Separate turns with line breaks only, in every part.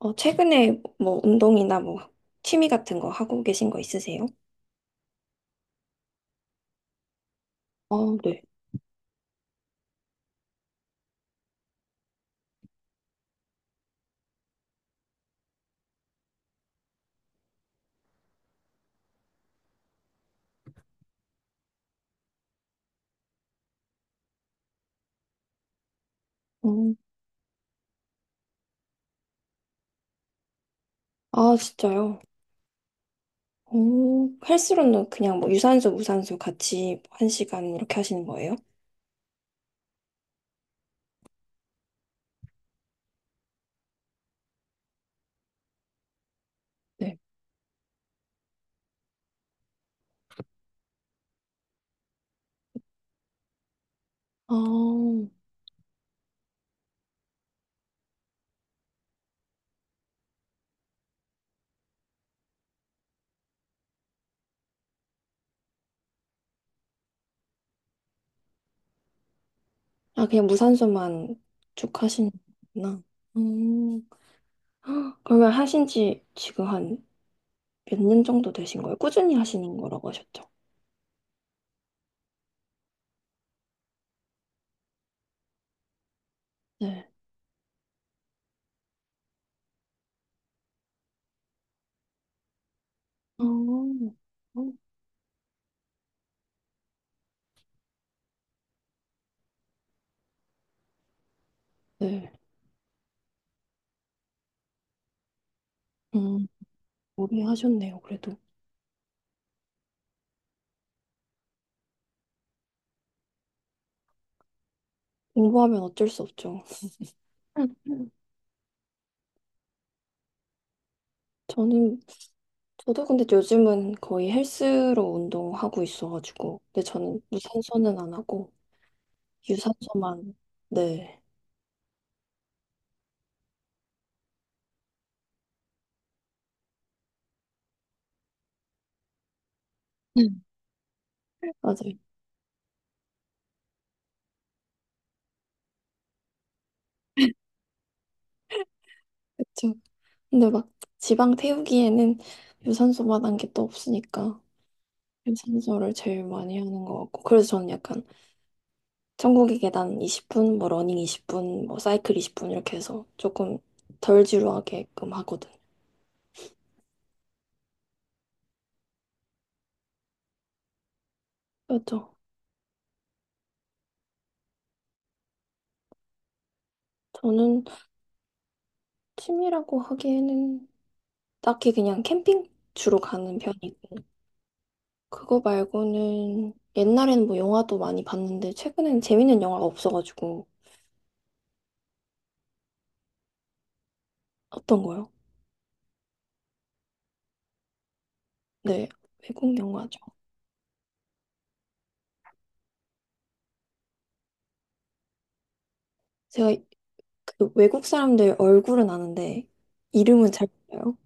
어, 최근에 뭐 운동이나 뭐 취미 같은 거 하고 계신 거 있으세요? 아, 네. 음. 아, 진짜요? 오, 헬스로는 그냥 뭐 유산소, 무산소 같이 뭐 한 시간 이렇게 하시는 거예요? 네. 아, 아, 그냥 무산소만 쭉 하시는구나. 음, 헉, 그러면 하신 지 지금 한 몇 년 정도 되신 거예요? 꾸준히 하시는 거라고 하셨죠? 네. 아, 어, 네. 음, 오래 하셨네요, 그래도. 공부하면 어쩔 수 없죠. 저는, 저도 근데 요즘은 거의 헬스로 운동하고 있어가지고. 근데 저는 무산소는 안 하고, 유산소만, 네. 음. 맞아요. 그쵸. 근데 막 지방 태우기에는 유산소만 한 게 또 없으니까 유산소를 제일 많이 하는 것 같고 그래서 저는 약간 천국의 계단 20분, 뭐 러닝 20분, 뭐 사이클 20분 이렇게 해서 조금 덜 지루하게끔 하거든요. 그렇죠. 저는 취미라고 하기에는 딱히 그냥 캠핑 주로 가는 편이고. 그거 말고는 옛날에는 뭐 영화도 많이 봤는데 최근엔 재밌는 영화가 없어가지고. 어떤 거요? 네, 외국 영화죠. 제가 그 외국 사람들 얼굴은 아는데 이름은 잘 몰라요.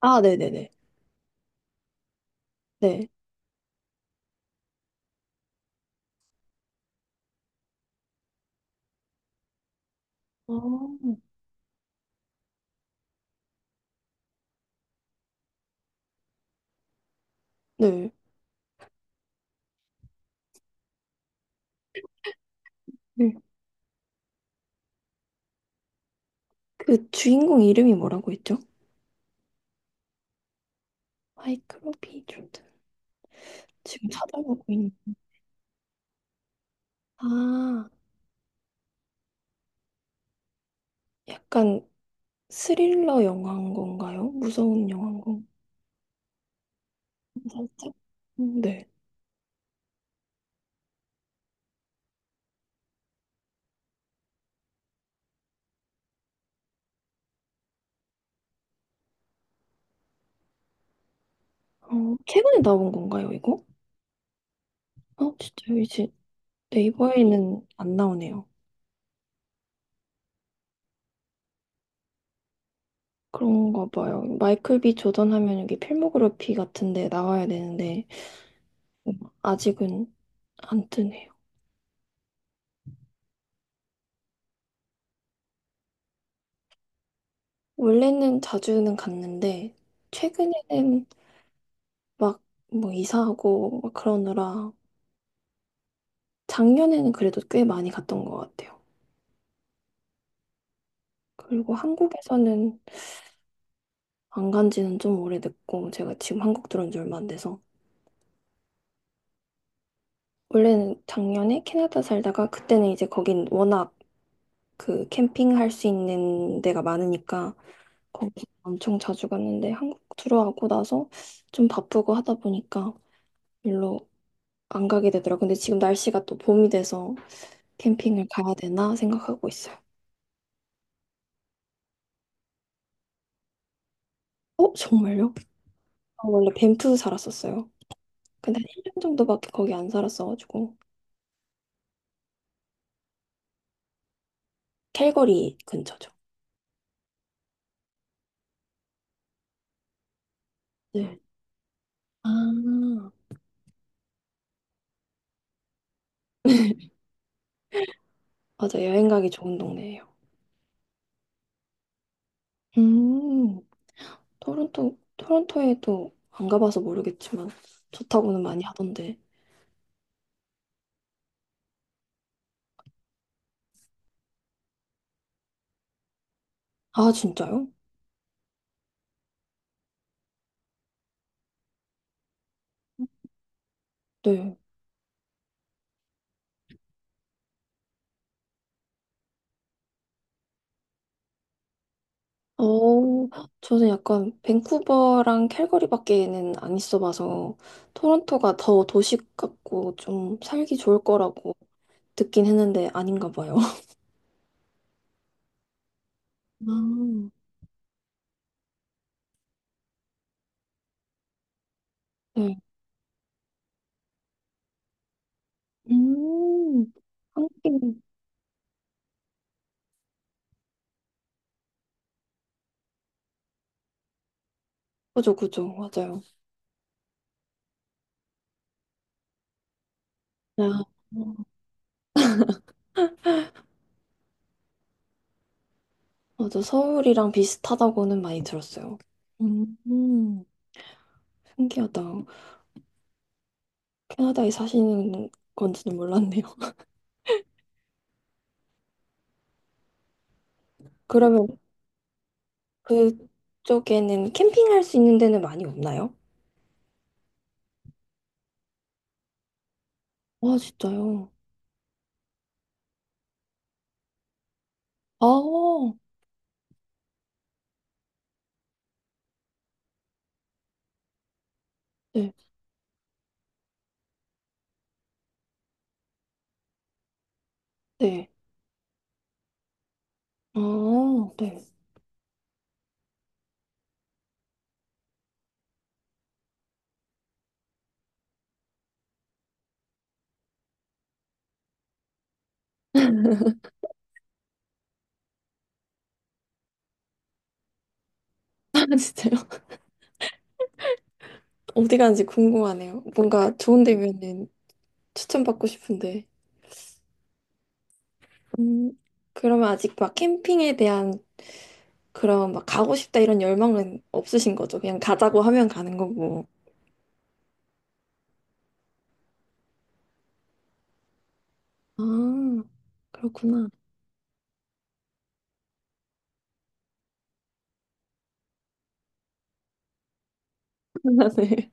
아, 네네네. 네. 어. 네. 네. 그 주인공 이름이 뭐라고 했죠? 마이클 B. 조던. 지금 찾아보고 있는. 아, 약간 스릴러 영화인 건가요? 무서운 영화인 건가요? 살짝. 네. 어, 최근에 나온 건가요, 이거? 어, 진짜요? 이제 네이버에는 안 나오네요. 그런가 봐요. 마이클 비 조던 하면 여기 필모그래피 같은데 나와야 되는데 아직은 안 뜨네요. 원래는 자주는 갔는데 최근에는 막 뭐 이사하고 막 그러느라 작년에는 그래도 꽤 많이 갔던 것 같아요. 그리고 한국에서는 안 간 지는 좀 오래됐고 제가 지금 한국 들어온 지 얼마 안 돼서 원래는 작년에 캐나다 살다가 그때는 이제 거긴 워낙 그 캠핑할 수 있는 데가 많으니까 거기 엄청 자주 갔는데 한국 들어오고 나서 좀 바쁘고 하다 보니까 별로 안 가게 되더라고요. 근데 지금 날씨가 또 봄이 돼서 캠핑을 가야 되나 생각하고 있어요. 어, 정말요? 저 원래 밴프 살았었어요. 근데 한 1년 정도밖에 거기 안 살았어가지고 캘거리 근처죠. 네. 아, 맞아. 여행 가기 좋은 동네예요. 음. 토론토에도 안 가봐서 모르겠지만 좋다고는 많이 하던데. 아, 진짜요? 네. 어, 저는 약간 밴쿠버랑 캘거리밖에는 안 있어봐서 토론토가 더 도시 같고 좀 살기 좋을 거라고 듣긴 했는데 아닌가 봐요. 아, 네. 음, 한국인. 그죠, 그죠. 맞아요. 아, 어, 맞아. 서울이랑 비슷하다고는 많이 들었어요. 음, 음. 신기하다. 캐나다에 사시는 건지는 몰랐네요. 그러면 그쪽에는 캠핑할 수 있는 데는 많이 없나요? 아, 진짜요? 아, 네, 네. 아, 네. 아, 진짜요? 어디 가는지 궁금하네요. 뭔가 좋은 데면은 추천받고 싶은데. 음, 그러면 아직 막 캠핑에 대한 그런 막 가고 싶다 이런 열망은 없으신 거죠? 그냥 가자고 하면 가는 거고. 아, 그렇구나. 네.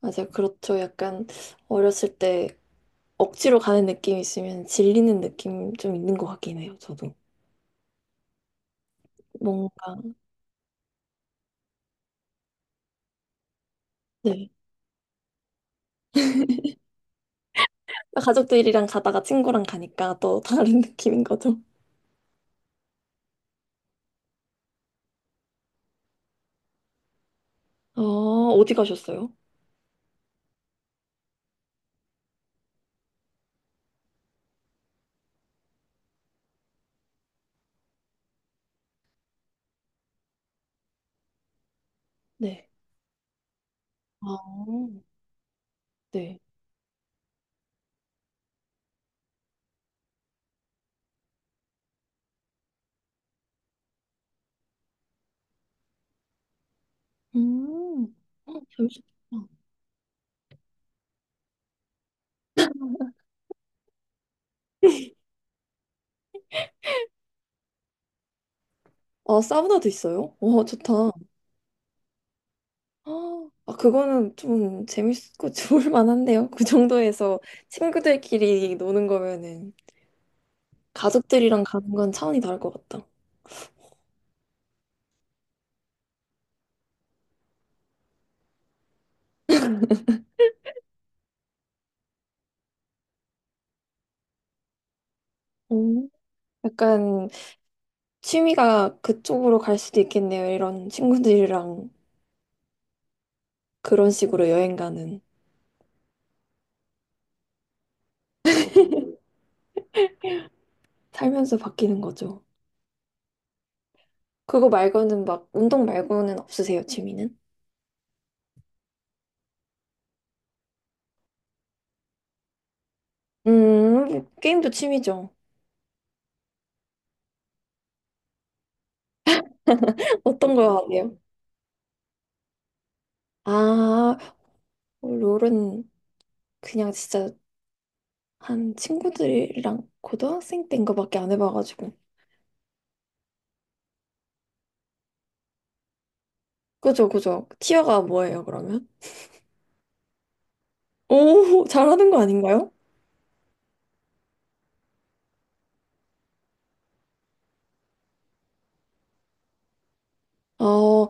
맞아요. 그렇죠. 약간 어렸을 때 억지로 가는 느낌이 있으면 질리는 느낌 좀 있는 것 같긴 해요, 저도. 뭔가, 네. 가족들이랑 가다가 친구랑 가니까 또 다른 느낌인 거죠. 아, 어디 가셨어요? 네. 아, 네. 음, 어, 재밌겠다. 아, 사우나도 있어요? 와, 좋다. 아, 그거는 좀 재밌고 좋을 만한데요. 그 정도에서 친구들끼리 노는 거면은 가족들이랑 가는 건 차원이 다를 것 같다. 음. 약간 취미가 그쪽으로 갈 수도 있겠네요. 이런 친구들이랑 그런 식으로 여행 가는. 살면서 바뀌는 거죠. 그거 말고는 막, 운동 말고는 없으세요, 취미는? 게임도 취미죠. 어떤 거 하세요? 아, 롤은 그냥 진짜 한 친구들이랑 고등학생 때인 거밖에 안 해봐가지고. 그죠, 그죠. 티어가 뭐예요, 그러면? 오, 잘하는 거 아닌가요? 어,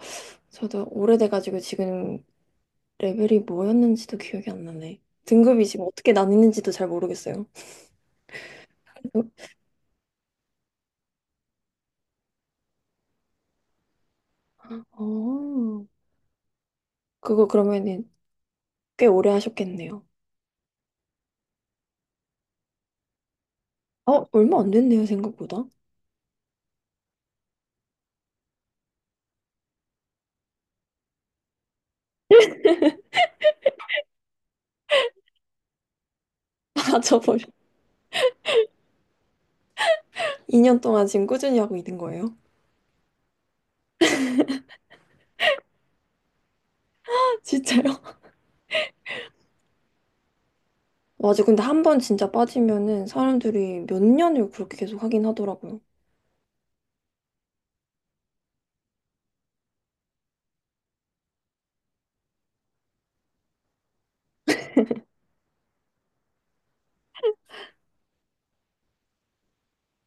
저도 오래돼가지고 지금 레벨이 뭐였는지도 기억이 안 나네. 등급이 지금 어떻게 나뉘는지도 잘 모르겠어요. 어, 그거 그러면은 꽤 오래 하셨겠네요. 어, 얼마 안 됐네요, 생각보다. 아, 저 벌써 2년 동안 지금 꾸준히 하고 있는 거예요. 진짜요? 맞아, 근데 한 번 진짜 빠지면은 사람들이 몇 년을 그렇게 계속 하긴 하더라고요.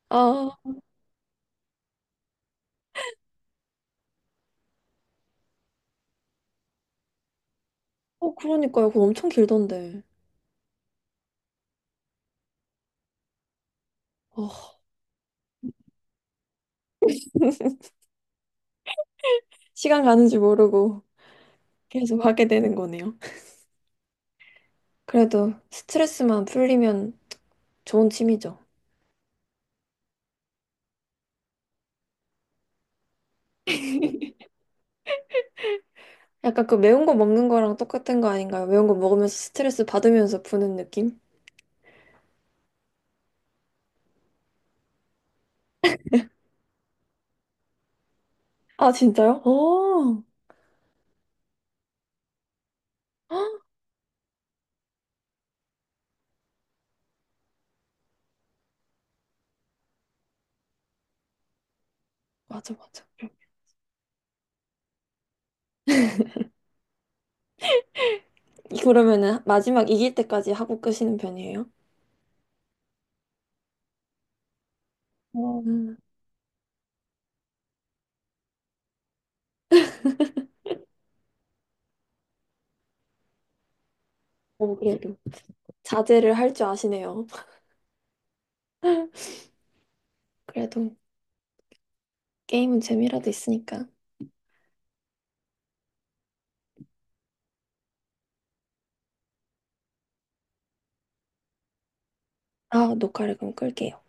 아, 어, 그러니까요. 그거 엄청 길던데. 어, 시간 가는 줄 모르고 계속 하게 되는 거네요. 그래도 스트레스만 풀리면 좋은 취미죠. 약간 그 매운 거 먹는 거랑 똑같은 거 아닌가요? 매운 거 먹으면서 스트레스 받으면서 푸는 느낌? 아, 진짜요? 오. 헉, 맞아, 맞아. 이- 그러면은 마지막 이길 때까지 하고 끄시는 편이에요? 어, 오, 그래도 자제를 할 줄 아시네요. 그래도 게임은 재미라도 있으니까. 아, 녹화를 그럼 끌게요.